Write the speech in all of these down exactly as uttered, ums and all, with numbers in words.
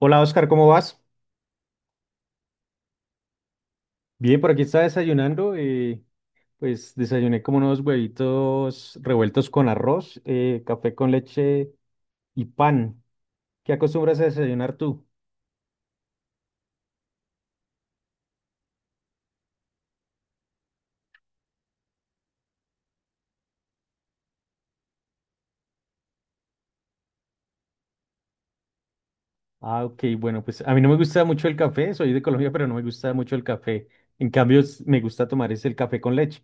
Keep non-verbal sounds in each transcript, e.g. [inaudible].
Hola Oscar, ¿cómo vas? Bien, por aquí estaba desayunando. Eh, pues desayuné como unos huevitos revueltos con arroz, eh, café con leche y pan. ¿Qué acostumbras a desayunar tú? Ah, ok, bueno, pues a mí no me gusta mucho el café, soy de Colombia, pero no me gusta mucho el café. En cambio, s- me gusta tomar es el café con leche.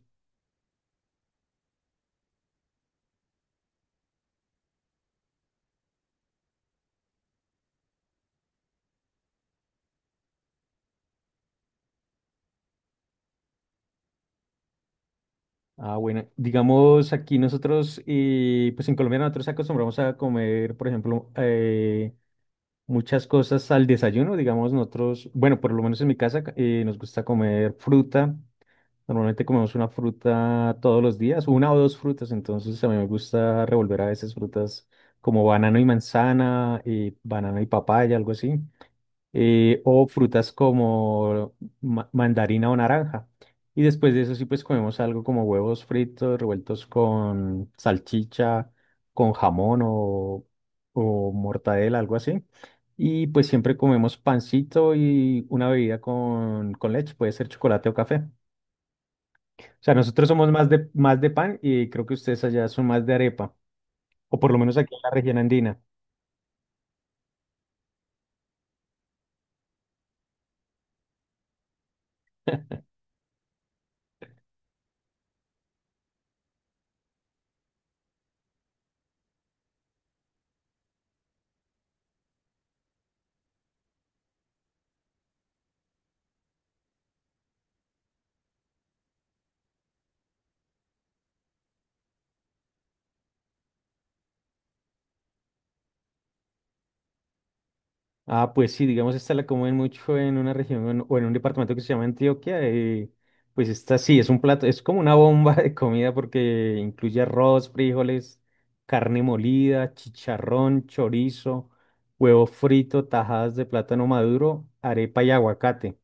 Ah, bueno, digamos aquí nosotros, eh, pues en Colombia nosotros acostumbramos a comer, por ejemplo, eh, muchas cosas al desayuno, digamos nosotros, bueno, por lo menos en mi casa eh, nos gusta comer fruta, normalmente comemos una fruta todos los días, una o dos frutas, entonces a mí me gusta revolver a veces frutas como banano y manzana, y banano y papaya, algo así, eh, o frutas como ma- mandarina o naranja. Y después de eso sí pues comemos algo como huevos fritos revueltos con salchicha, con jamón o, o mortadela, algo así. Y pues siempre comemos pancito y una bebida con, con leche, puede ser chocolate o café. O sea, nosotros somos más de, más de pan y creo que ustedes allá son más de arepa, o por lo menos aquí en la región andina. Ah, pues sí, digamos, esta la comen mucho en una región o en o en un departamento que se llama Antioquia. Eh, pues esta sí, es un plato, es como una bomba de comida porque incluye arroz, frijoles, carne molida, chicharrón, chorizo, huevo frito, tajadas de plátano maduro, arepa y aguacate.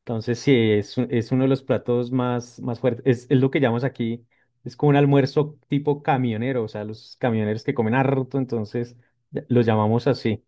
Entonces sí, es, un- es uno de los platos más, más fuertes. Es, es lo que llamamos aquí, es como un almuerzo tipo camionero, o sea, los camioneros que comen harto, entonces ya- lo llamamos así.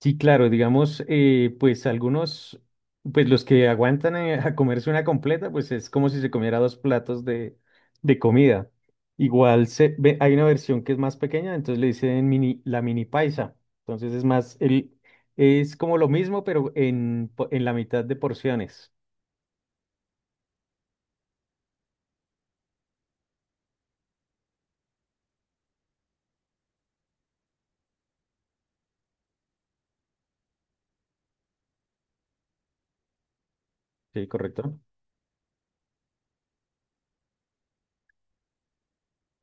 Sí, claro, digamos, eh, pues algunos, pues los que aguantan eh, a comerse una completa, pues es como si se comiera dos platos de, de comida. Igual se, ve- hay una versión que es más pequeña, entonces le dicen mini, la mini paisa. Entonces es más, el, es como lo mismo, pero en, po- en la mitad de porciones. Sí, correcto.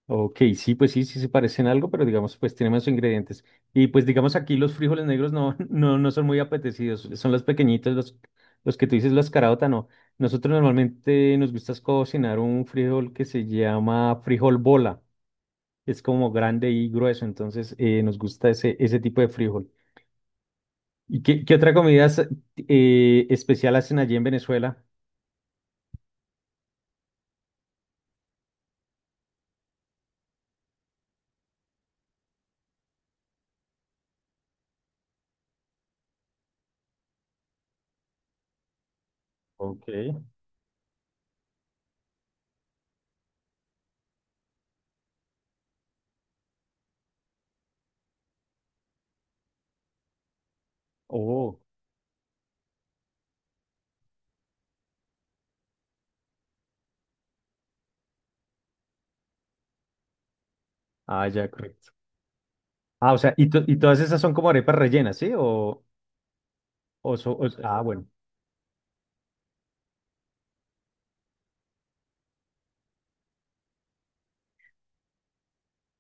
Ok, sí, pues sí, sí se parecen algo, pero digamos, pues tienen más ingredientes. Y pues digamos aquí los frijoles negros no, [laughs] no, no son muy apetecidos, son los pequeñitos, los, los que tú dices, los caraota, no. Nosotros normalmente nos gusta es cocinar un frijol que se llama frijol bola, es como grande y grueso, entonces eh, nos gusta ese, ese tipo de frijol. ¿Y qué, qué otra comida es, eh, especial hacen allí en Venezuela? Ok, oh, ah, ya, correcto. Ah, o sea, y, to- y todas esas son como arepas rellenas, ¿sí? O... O so- ah, bueno.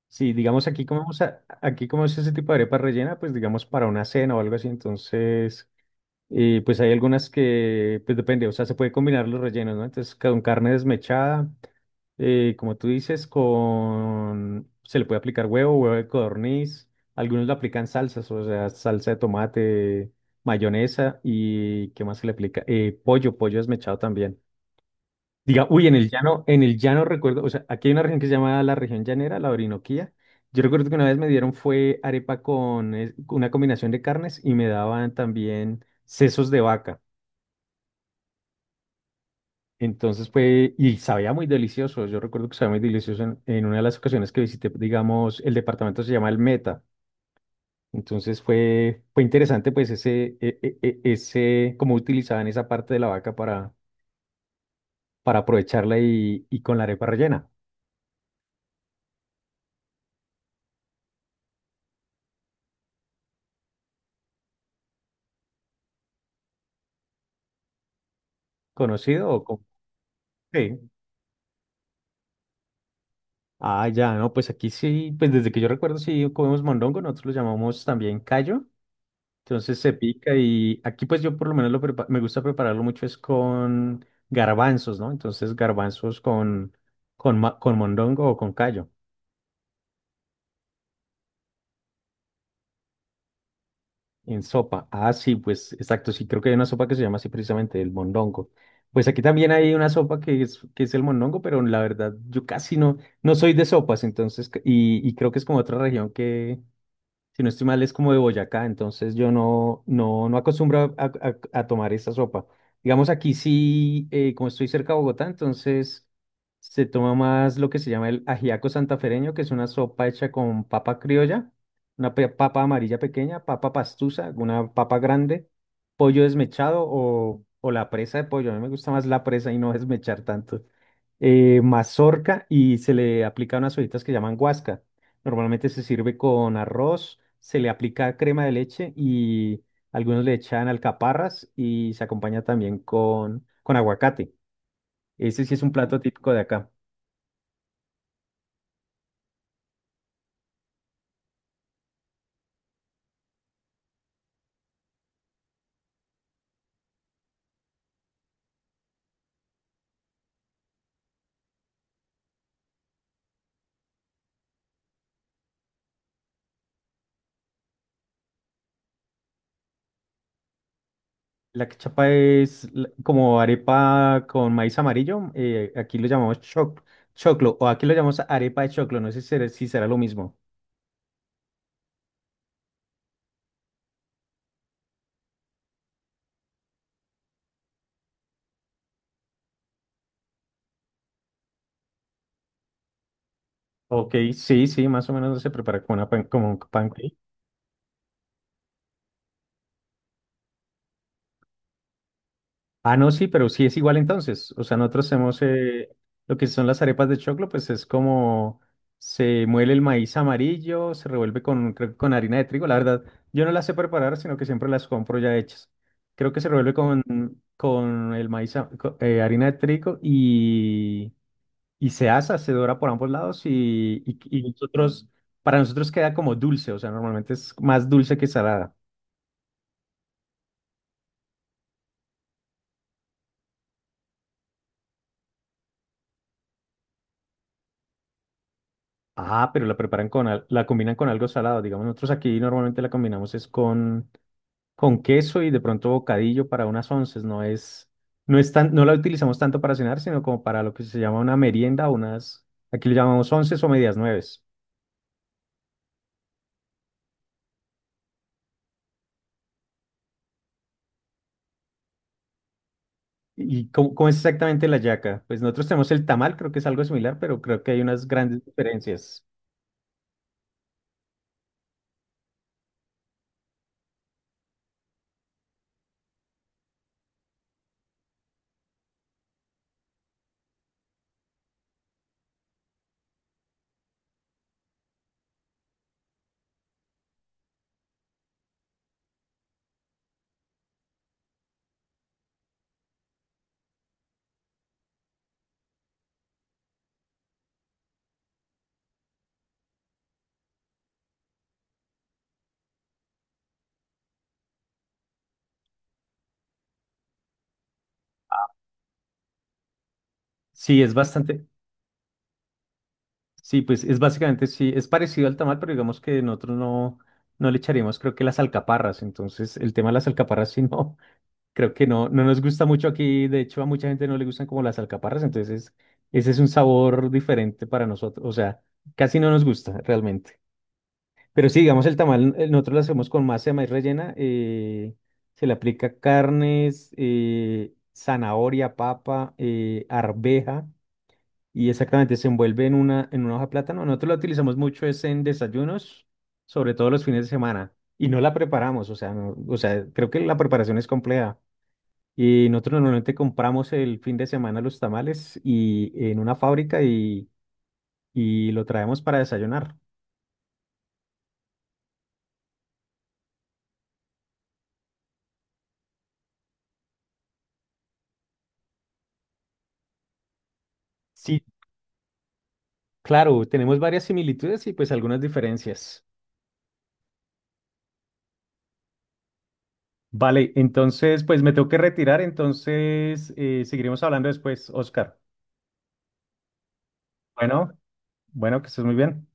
Sí, digamos aquí comemos, a- aquí comemos ese tipo de arepa rellena, pues digamos para una cena o algo así. Entonces, eh, pues hay algunas que, pues depende, o sea, se puede combinar los rellenos, ¿no? Entonces, con carne desmechada, eh, como tú dices, con, se le puede aplicar huevo, huevo de codorniz. Algunos le aplican salsas, o sea, salsa de tomate, mayonesa y, ¿qué más se le aplica? Eh, pollo, pollo desmechado también. Diga, uy, en el llano, en el llano recuerdo, o sea, aquí hay una región que se llama la región llanera, la Orinoquía. Yo recuerdo que una vez me dieron fue arepa con eh, una combinación de carnes y me daban también sesos de vaca. Entonces fue, y sabía muy delicioso. Yo recuerdo que sabía muy delicioso en, en una de las ocasiones que visité, digamos, el departamento se llama El Meta. Entonces fue, fue interesante, pues, ese, e- e- e- ese, cómo utilizaban esa parte de la vaca para, para aprovecharla y, y con la arepa rellena. ¿Conocido o con... Ah, ya, no, pues aquí sí, pues desde que yo recuerdo sí comemos mondongo, nosotros lo llamamos también callo, entonces se pica y aquí pues yo por lo menos lo prepa- me gusta prepararlo mucho es con garbanzos, ¿no? Entonces garbanzos con, con, ma- con mondongo o con callo en sopa. Ah, sí, pues exacto, sí, creo que hay una sopa que se llama así precisamente el mondongo. Pues aquí también hay una sopa que es, que es el mondongo, pero la verdad yo casi no, no soy de sopas, entonces, c- y, y creo que es como otra región si no estoy mal, es como de Boyacá, entonces yo no, no, no acostumbro a, a- a tomar esta sopa. Digamos aquí sí, eh, como estoy cerca de Bogotá, entonces se toma más lo que se llama el ajiaco santafereño, que es una sopa hecha con papa criolla, una pe- papa amarilla pequeña, papa pastusa, una papa grande, pollo desmechado o, o la presa de pollo. A mí me gusta más la presa y no desmechar tanto eh, mazorca y se le aplica unas hojitas que llaman guasca. Normalmente se sirve con arroz, se le aplica crema de leche y algunos le echan alcaparras y se acompaña también con, con aguacate. Ese sí es un plato típico de acá. La cachapa es la- como arepa con maíz amarillo. Eh, aquí lo llamamos choc- choclo o aquí lo llamamos arepa de choclo. No sé si será, si será lo mismo. Ok, sí, sí, más o menos se prepara como una pan, como un pancake. Ah, no, sí, pero sí es igual entonces. O sea, nosotros hacemos eh, lo que son las arepas de choclo, pues es como se muele el maíz amarillo, se revuelve con, creo que con harina de trigo. La verdad, yo no las sé preparar, sino que siempre las compro ya hechas. Creo que se revuelve con, con el maíz, a- co- eh, harina de trigo y, y se asa, se dora por ambos lados y, y, y nosotros, para nosotros queda como dulce, o sea, normalmente es más dulce que salada. Ah, pero la preparan con, al- la combinan con algo salado. Digamos, nosotros aquí normalmente la combinamos es con, con queso y de pronto bocadillo para unas onces. No es, no es tan, no la utilizamos tanto para cenar, sino como para lo que se llama una merienda, unas, aquí le llamamos onces o medias nueves. ¿Y cómo, cómo es exactamente la yaca? Pues nosotros tenemos el tamal, creo que es algo similar, pero creo que hay unas grandes diferencias. Sí, es bastante. Sí, pues es básicamente, sí, es parecido al tamal, pero digamos que nosotros no, no le echaríamos, creo que las alcaparras. Entonces, el tema de las alcaparras, sí, no, [laughs] creo que no, no nos gusta mucho aquí. De hecho, a mucha gente no le gustan como las alcaparras. Entonces, ese es un sabor diferente para nosotros. O sea, casi no nos gusta realmente. Pero sí, digamos, el tamal, eh, nosotros lo hacemos con masa de maíz rellena. Eh, se le aplica carnes, eh, zanahoria, papa, eh, arveja y exactamente se envuelve en una, en una hoja de plátano. Nosotros la utilizamos mucho es en desayunos, sobre todo los fines de semana, y no la preparamos, o sea, no- o sea, creo que la preparación es compleja. Y nosotros normalmente compramos el fin de semana los tamales y en una fábrica y, y lo traemos para desayunar. Sí, claro, tenemos varias similitudes y pues algunas diferencias. Vale, entonces pues me tengo que retirar, entonces eh, seguiremos hablando después, Oscar. Bueno, bueno, que estés muy bien.